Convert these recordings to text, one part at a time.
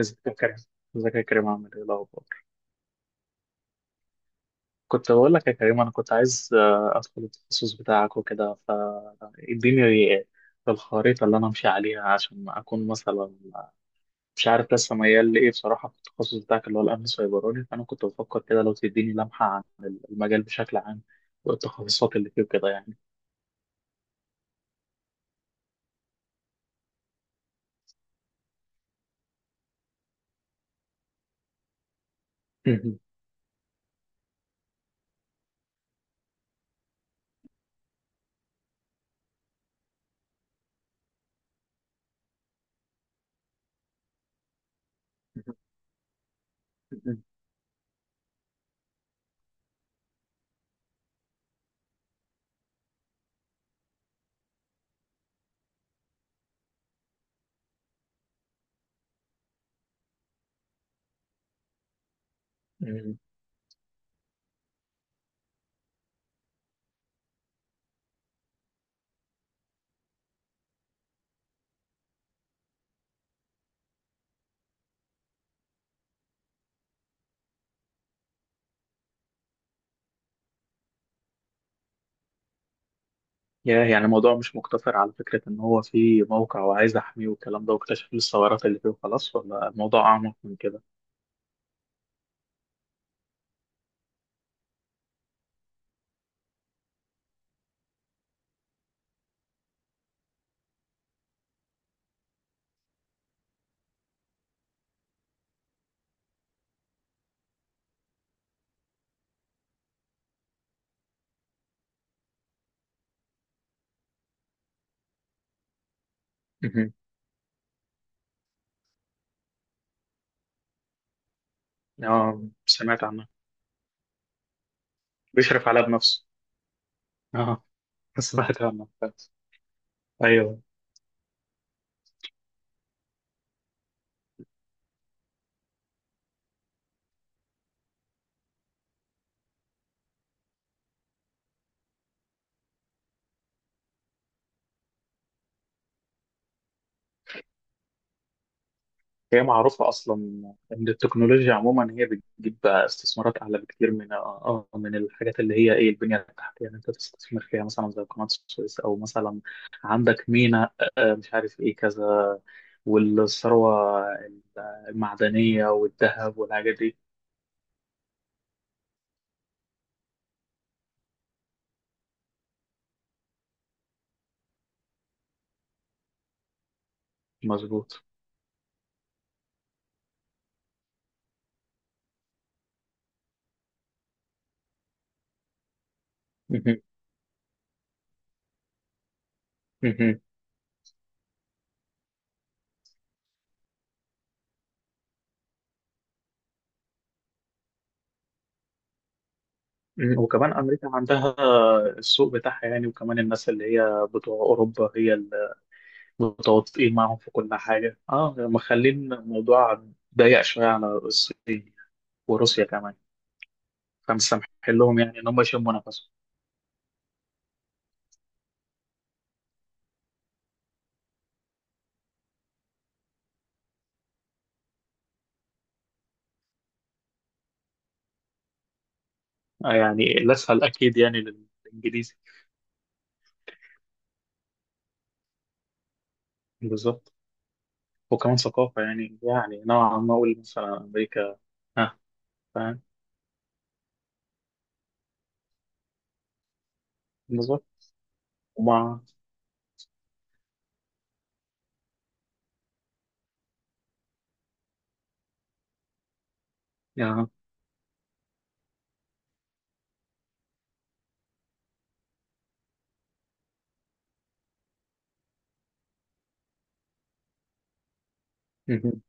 ازيك يا كريم ازيك يا كريم، عامل ايه الاخبار؟ كنت بقول لك يا كريم، انا كنت عايز ادخل التخصص بتاعك وكده. فاديني الخريطه اللي انا امشي عليها عشان اكون مثلا مش عارف لسه ميال لايه بصراحه في التخصص بتاعك اللي هو الامن السيبراني. فانا كنت بفكر كده، لو تديني لمحه عن المجال بشكل عام، والتخصصات اللي فيه كده يعني. يا يعني الموضوع مش مقتصر على فكرة إن هو في موقع وعايز أحميه والكلام ده، واكتشف الثغرات اللي فيه وخلاص، ولا الموضوع أعمق من كده؟ مهم. اه، سمعت عنها. بيشرف عليها بنفسه. اه. سمعت عنها بس. ايوه. هي معروفة أصلا، إن التكنولوجيا عموما هي بتجيب استثمارات أعلى بكتير من من الحاجات اللي هي إيه البنية التحتية. يعني أنت تستثمر فيها مثلا زي قناة السويس، أو مثلا عندك ميناء، مش عارف إيه كذا، والثروة المعدنية والذهب والحاجات دي. مظبوط. مهم. مم، وكمان أمريكا عندها السوق بتاعها يعني، وكمان الناس اللي هي بتوع أوروبا هي اللي متواطئين معاهم في كل حاجة، اه، مخلين الموضوع ضيق شوية على الصين وروسيا كمان. فمسامحين لهم يعني إن هم يشموا نفسهم. يعني الأسهل أكيد يعني للإنجليزي. بالظبط، وكمان ثقافة، يعني يعني نوعا ما أقول مثلا أمريكا. ها. فاهم. بالظبط. ومع... آه. مهم.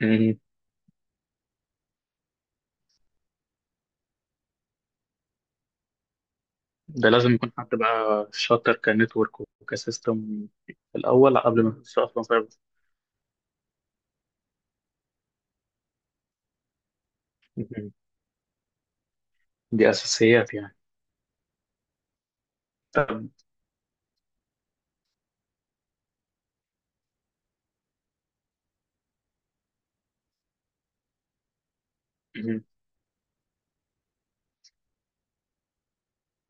مهم. ده لازم يكون حد بقى شاطر كنتورك وكسيستم في الأول قبل ما تخش أصلا سايبر. مهم. دي أساسيات يعني. طب. مهم.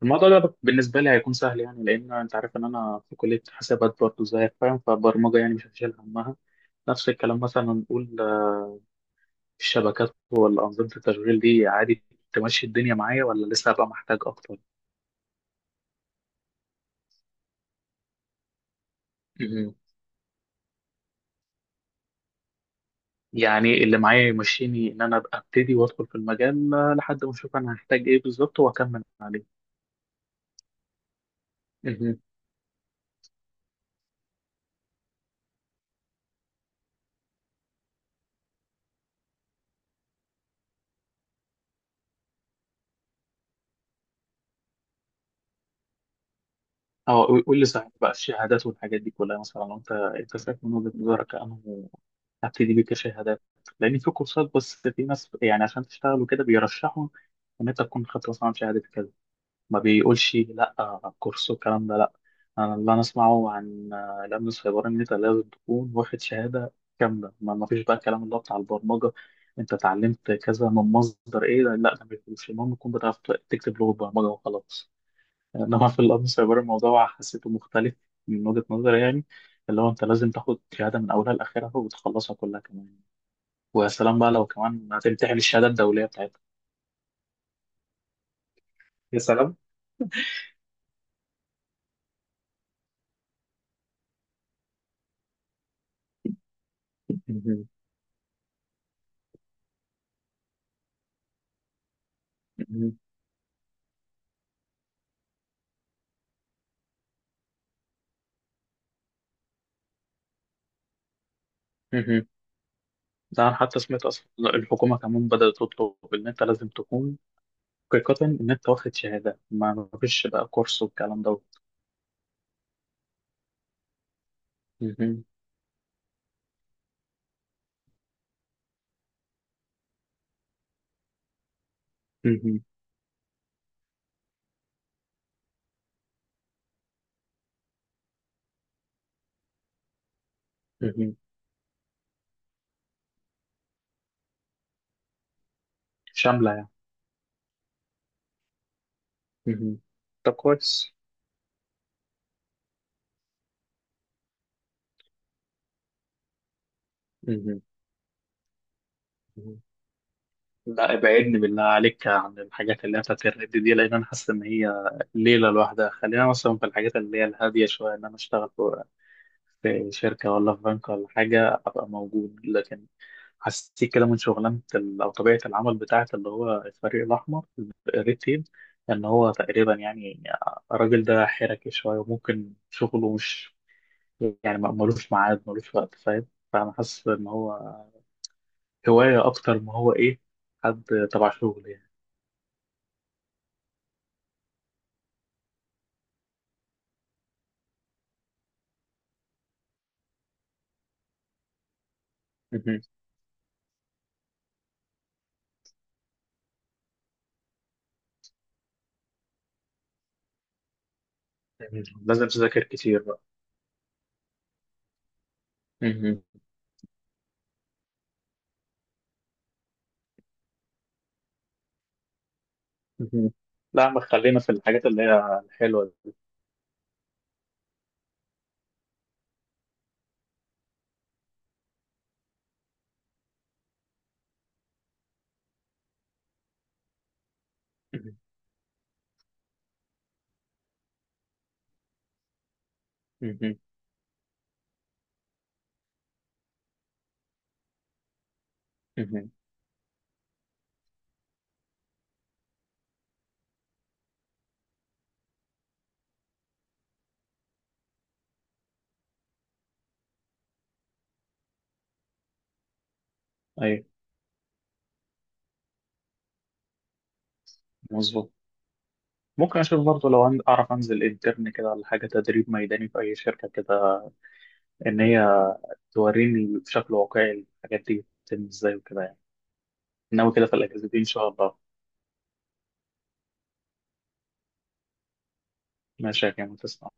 الموضوع ده بالنسبة لي هيكون سهل، يعني لأن أنت عارف إن أنا في كلية حسابات برضه زيك، فاهم. فالبرمجة يعني مش هشيل همها. نفس الكلام مثلا، نقول الشبكات ولا أنظمة التشغيل دي عادي تمشي الدنيا معايا، ولا لسه هبقى محتاج أكتر؟ مهم. يعني اللي معايا يمشيني، إن أنا أبقى أبتدي وأدخل في المجال، لحد ما أشوف أنا هحتاج إيه بالظبط وأكمل عليه. مهم. اه، قول قول لي صحيح بقى، الشهادات والحاجات دي كلها، مثلا انت شايف من وجهة نظرك انه ابتدي بيه كشهادات، لان في كورسات. بس في ناس يعني عشان تشتغل وكده بيرشحوا ان انت تكون خدت مثلا شهاده كده، ما بيقولش لا كورس والكلام ده لا. انا اللي انا اسمعه عن الامن السيبراني، ان انت لازم تكون واخد شهاده كامله. ما فيش بقى الكلام اللي هو بتاع البرمجه، انت اتعلمت كذا من مصدر ايه. لا ده مش المهم تكون بتعرف تكتب لغه برمجه وخلاص. انما في الامن سايبر الموضوع حسيته مختلف من وجهة نظري يعني، اللي هو انت لازم تاخد شهاده من اولها لاخرها وتخلصها كلها كمان، ويا سلام بقى لو كمان هتمتحن الشهاده الدوليه بتاعتها. يا سلام. مهم. مهم. مهم. ده انا حتى سمعت اصلا الحكومه كمان بدات تطلب ان انت لازم تكون حقيقه ان انت واخد شهاده. ما فيش بقى كورس والكلام دوت. مهم. مهم. مهم. شامله يعني. مهم. ده كويس. مهم. لا، ابعدني بالله عليك عن الحاجات اللي هي بتاعت الرد دي، لان انا حاسس ان هي ليله لوحدها. خلينا مثلا في الحاجات اللي هي الهاديه شويه، ان انا اشتغل في شركه ولا في بنك ولا حاجه ابقى موجود. لكن حسيت كده من شغلانه او طبيعه العمل بتاعت اللي هو الفريق الاحمر، الريد تيم، ان هو تقريبا يعني الراجل ده حركي شويه، وممكن شغله مش يعني ملوش ميعاد، ملوش وقت، فاهم. فانا حاسس ان هو هوايه اكتر ما هو ايه، حد تبع شغل يعني. مهم. مهم. لازم تذاكر كتير بقى. مهم. مهم. لا، ما خلينا في الحاجات اللي هي الحلوة دي. مهم. مهم. مهم. أيوة. مظبوط. ممكن أشوف برضه لو أعرف أنزل انترن كده، ولا حاجة تدريب ميداني في أي شركة كده، إن هي توريني بشكل واقعي الحاجات دي بتتم إزاي وكده يعني. إنما كده في الأجازة دي إن شاء الله. ماشي يا كريم، تسلم.